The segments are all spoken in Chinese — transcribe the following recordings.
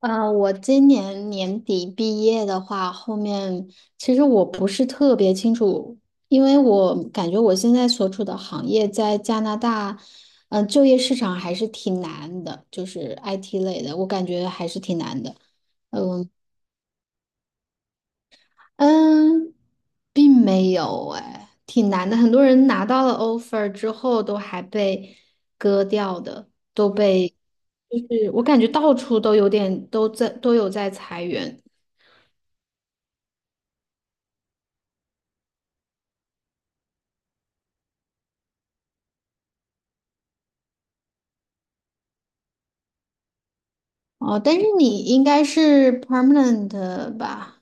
我今年年底毕业的话，后面其实我不是特别清楚。因为我感觉我现在所处的行业在加拿大，就业市场还是挺难的，就是 IT 类的，我感觉还是挺难的。嗯嗯，并没有哎，挺难的。很多人拿到了 offer 之后都还被割掉的，都被。就是我感觉到处都有点都在都有在裁员。哦，但是你应该是 permanent 的吧？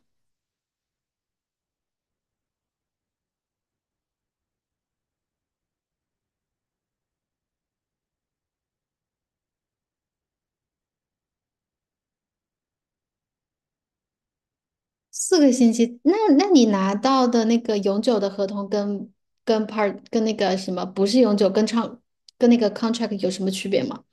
4个星期，那你拿到的那个永久的合同跟 part 跟那个什么不是永久跟长跟那个 contract 有什么区别吗？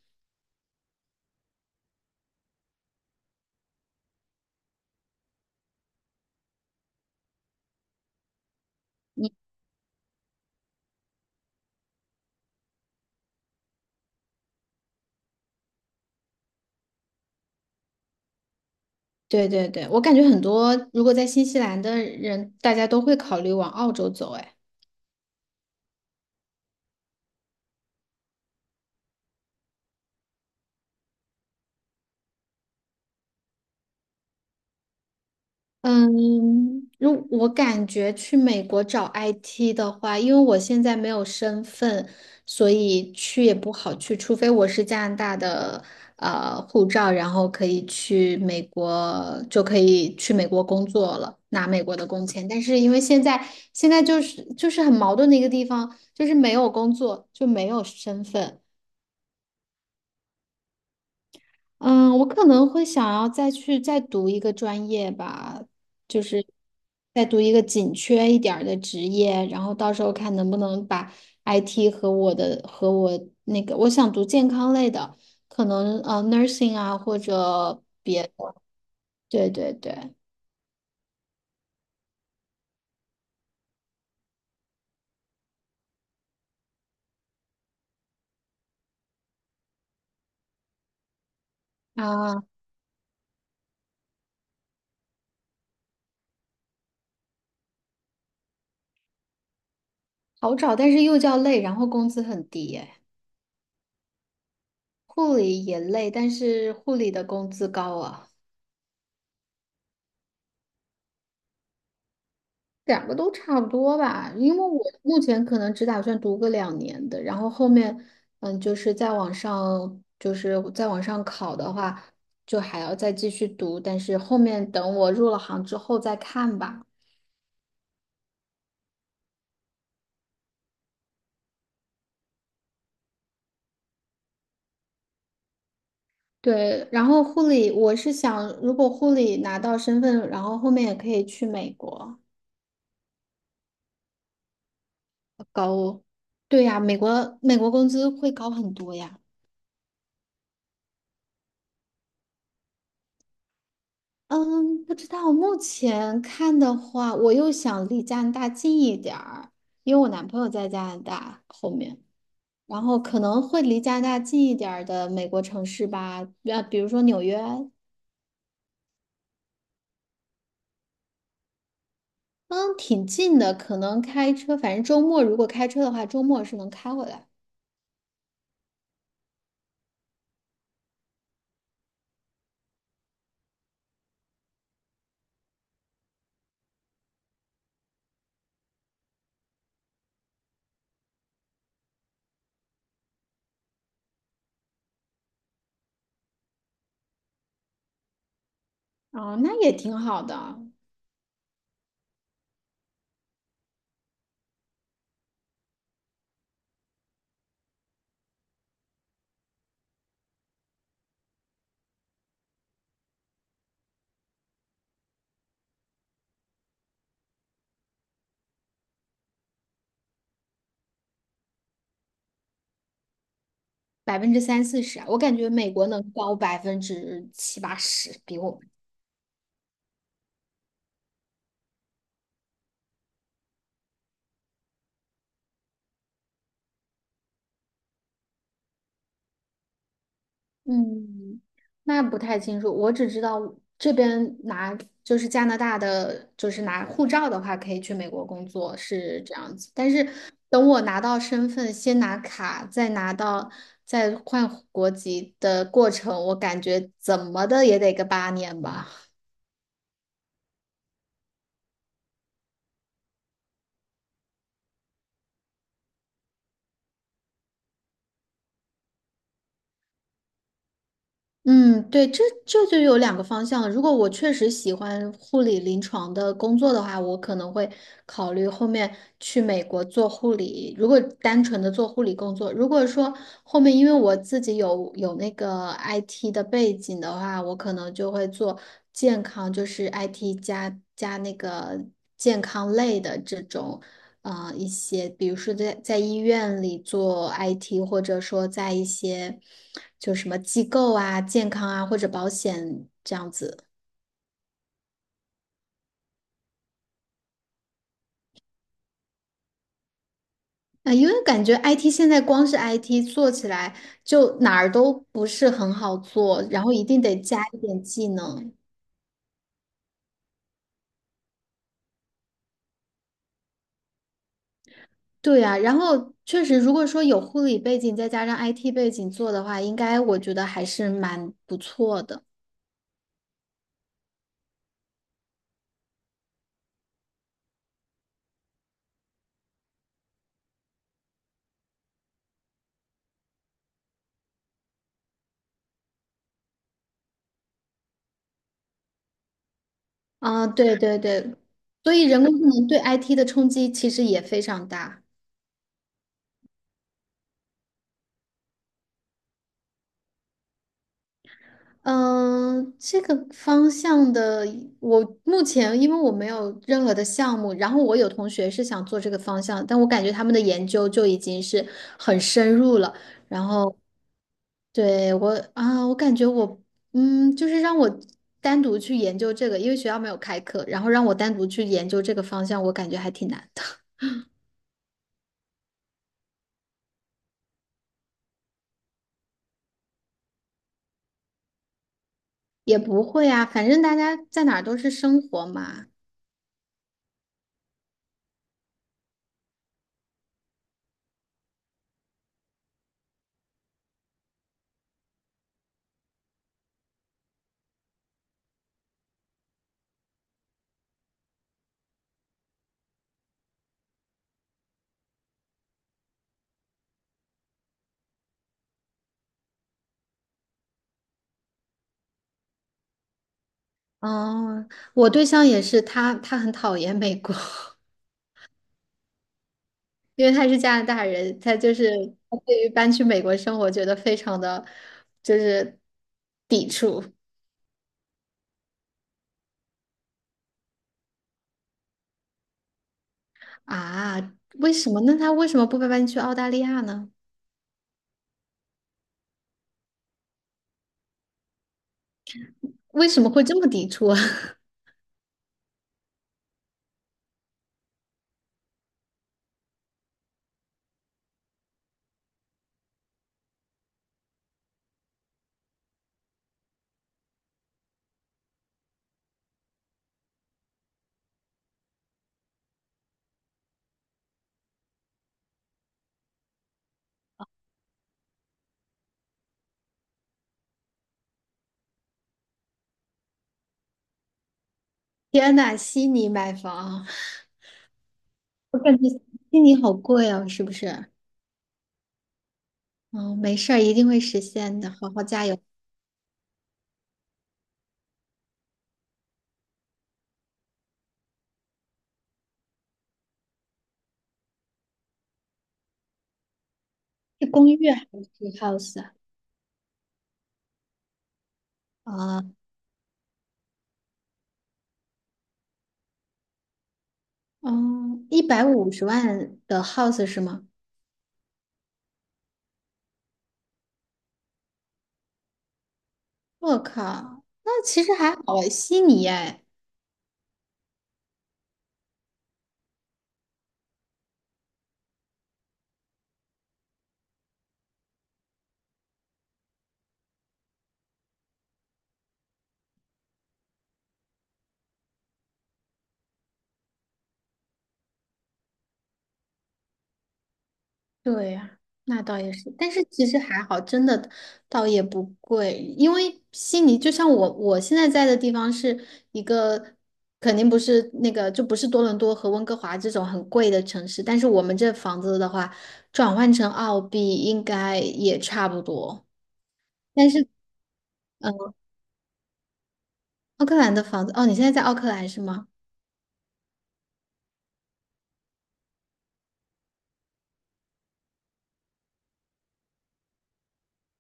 对对对，我感觉很多如果在新西兰的人，大家都会考虑往澳洲走，哎。嗯，如我感觉去美国找 IT 的话，因为我现在没有身份，所以去也不好去，除非我是加拿大的护照，然后可以去美国，就可以去美国工作了，拿美国的工签。但是因为现在就是很矛盾的一个地方，就是没有工作就没有身份。嗯，我可能会想要再去再读一个专业吧，就是再读一个紧缺一点儿的职业，然后到时候看能不能把 IT 和我的和我那个我想读健康类的。可能nursing 啊或者。对对对啊。好找，但是又叫累，然后工资很低耶。护理也累，但是护理的工资高啊。两个都差不多吧，因为我目前可能只打算读个2年的，然后后面。就是再往上考的话，就还要再继续读，但是后面等我入了行之后再看吧。对，然后护理，我是想，如果护理拿到身份，然后后面也可以去美国。高。对呀，美国工资会高很多呀。嗯，不知道。目前看的话，我又想离加拿大近一点儿，因为我男朋友在加拿大后面，然后可能会离加拿大近一点儿的美国城市吧，比如说纽约。嗯，挺近的，可能开车，反正周末如果开车的话，周末是能开回来。哦，那也挺好的。30%-40%啊，我感觉美国能高70%-80%，比我。嗯，那不太清楚，我只知道这边拿就是加拿大的，就是拿护照的话，可以去美国工作是这样子。但是等我拿到身份，先拿卡，再拿到再换国籍的过程，我感觉怎么的也得个8年吧。嗯，对，这就有两个方向了。如果我确实喜欢护理临床的工作的话，我可能会考虑后面去美国做护理。如果单纯的做护理工作，如果说后面因为我自己有那个 IT 的背景的话，我可能就会做健康，就是 IT 加那个健康类的这种。一些，比如说在医院里做 IT，或者说在一些就什么机构啊、健康啊或者保险这样子。啊、因为感觉 IT 现在光是 IT 做起来就哪儿都不是很好做，然后一定得加一点技能。对啊，然后确实，如果说有护理背景再加上 IT 背景做的话，应该我觉得还是蛮不错的。啊、对对对，所以人工智能对 IT 的冲击其实也非常大。嗯，这个方向的，我目前因为我没有任何的项目，然后我有同学是想做这个方向，但我感觉他们的研究就已经是很深入了。然后对我啊，我感觉我就是让我单独去研究这个，因为学校没有开课，然后让我单独去研究这个方向，我感觉还挺难的。也不会啊，反正大家在哪儿都是生活嘛。哦，我对象也是，他很讨厌美国。因为他是加拿大人，他就是他对于搬去美国生活觉得非常的就是抵触啊。为什么？那他为什么不搬去澳大利亚呢？为什么会这么抵触啊？天呐，悉尼买房。我感觉悉尼好贵哦，是不是？嗯，没事儿，一定会实现的，好好加油。是公寓还是 house 啊？啊，哦，150万的 house 是吗？我靠，那其实还好哎，悉尼哎。对呀，那倒也是，但是其实还好，真的倒也不贵，因为悉尼就像我现在在的地方是一个，肯定不是那个就不是多伦多和温哥华这种很贵的城市，但是我们这房子的话，转换成澳币应该也差不多。但是，嗯，奥克兰的房子，哦，你现在在奥克兰是吗？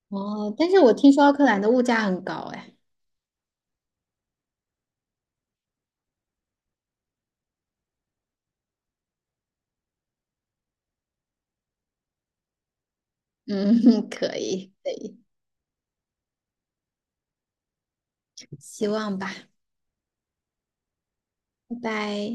哦，但是我听说奥克兰的物价很高，哎。嗯，可以。希望吧。拜拜。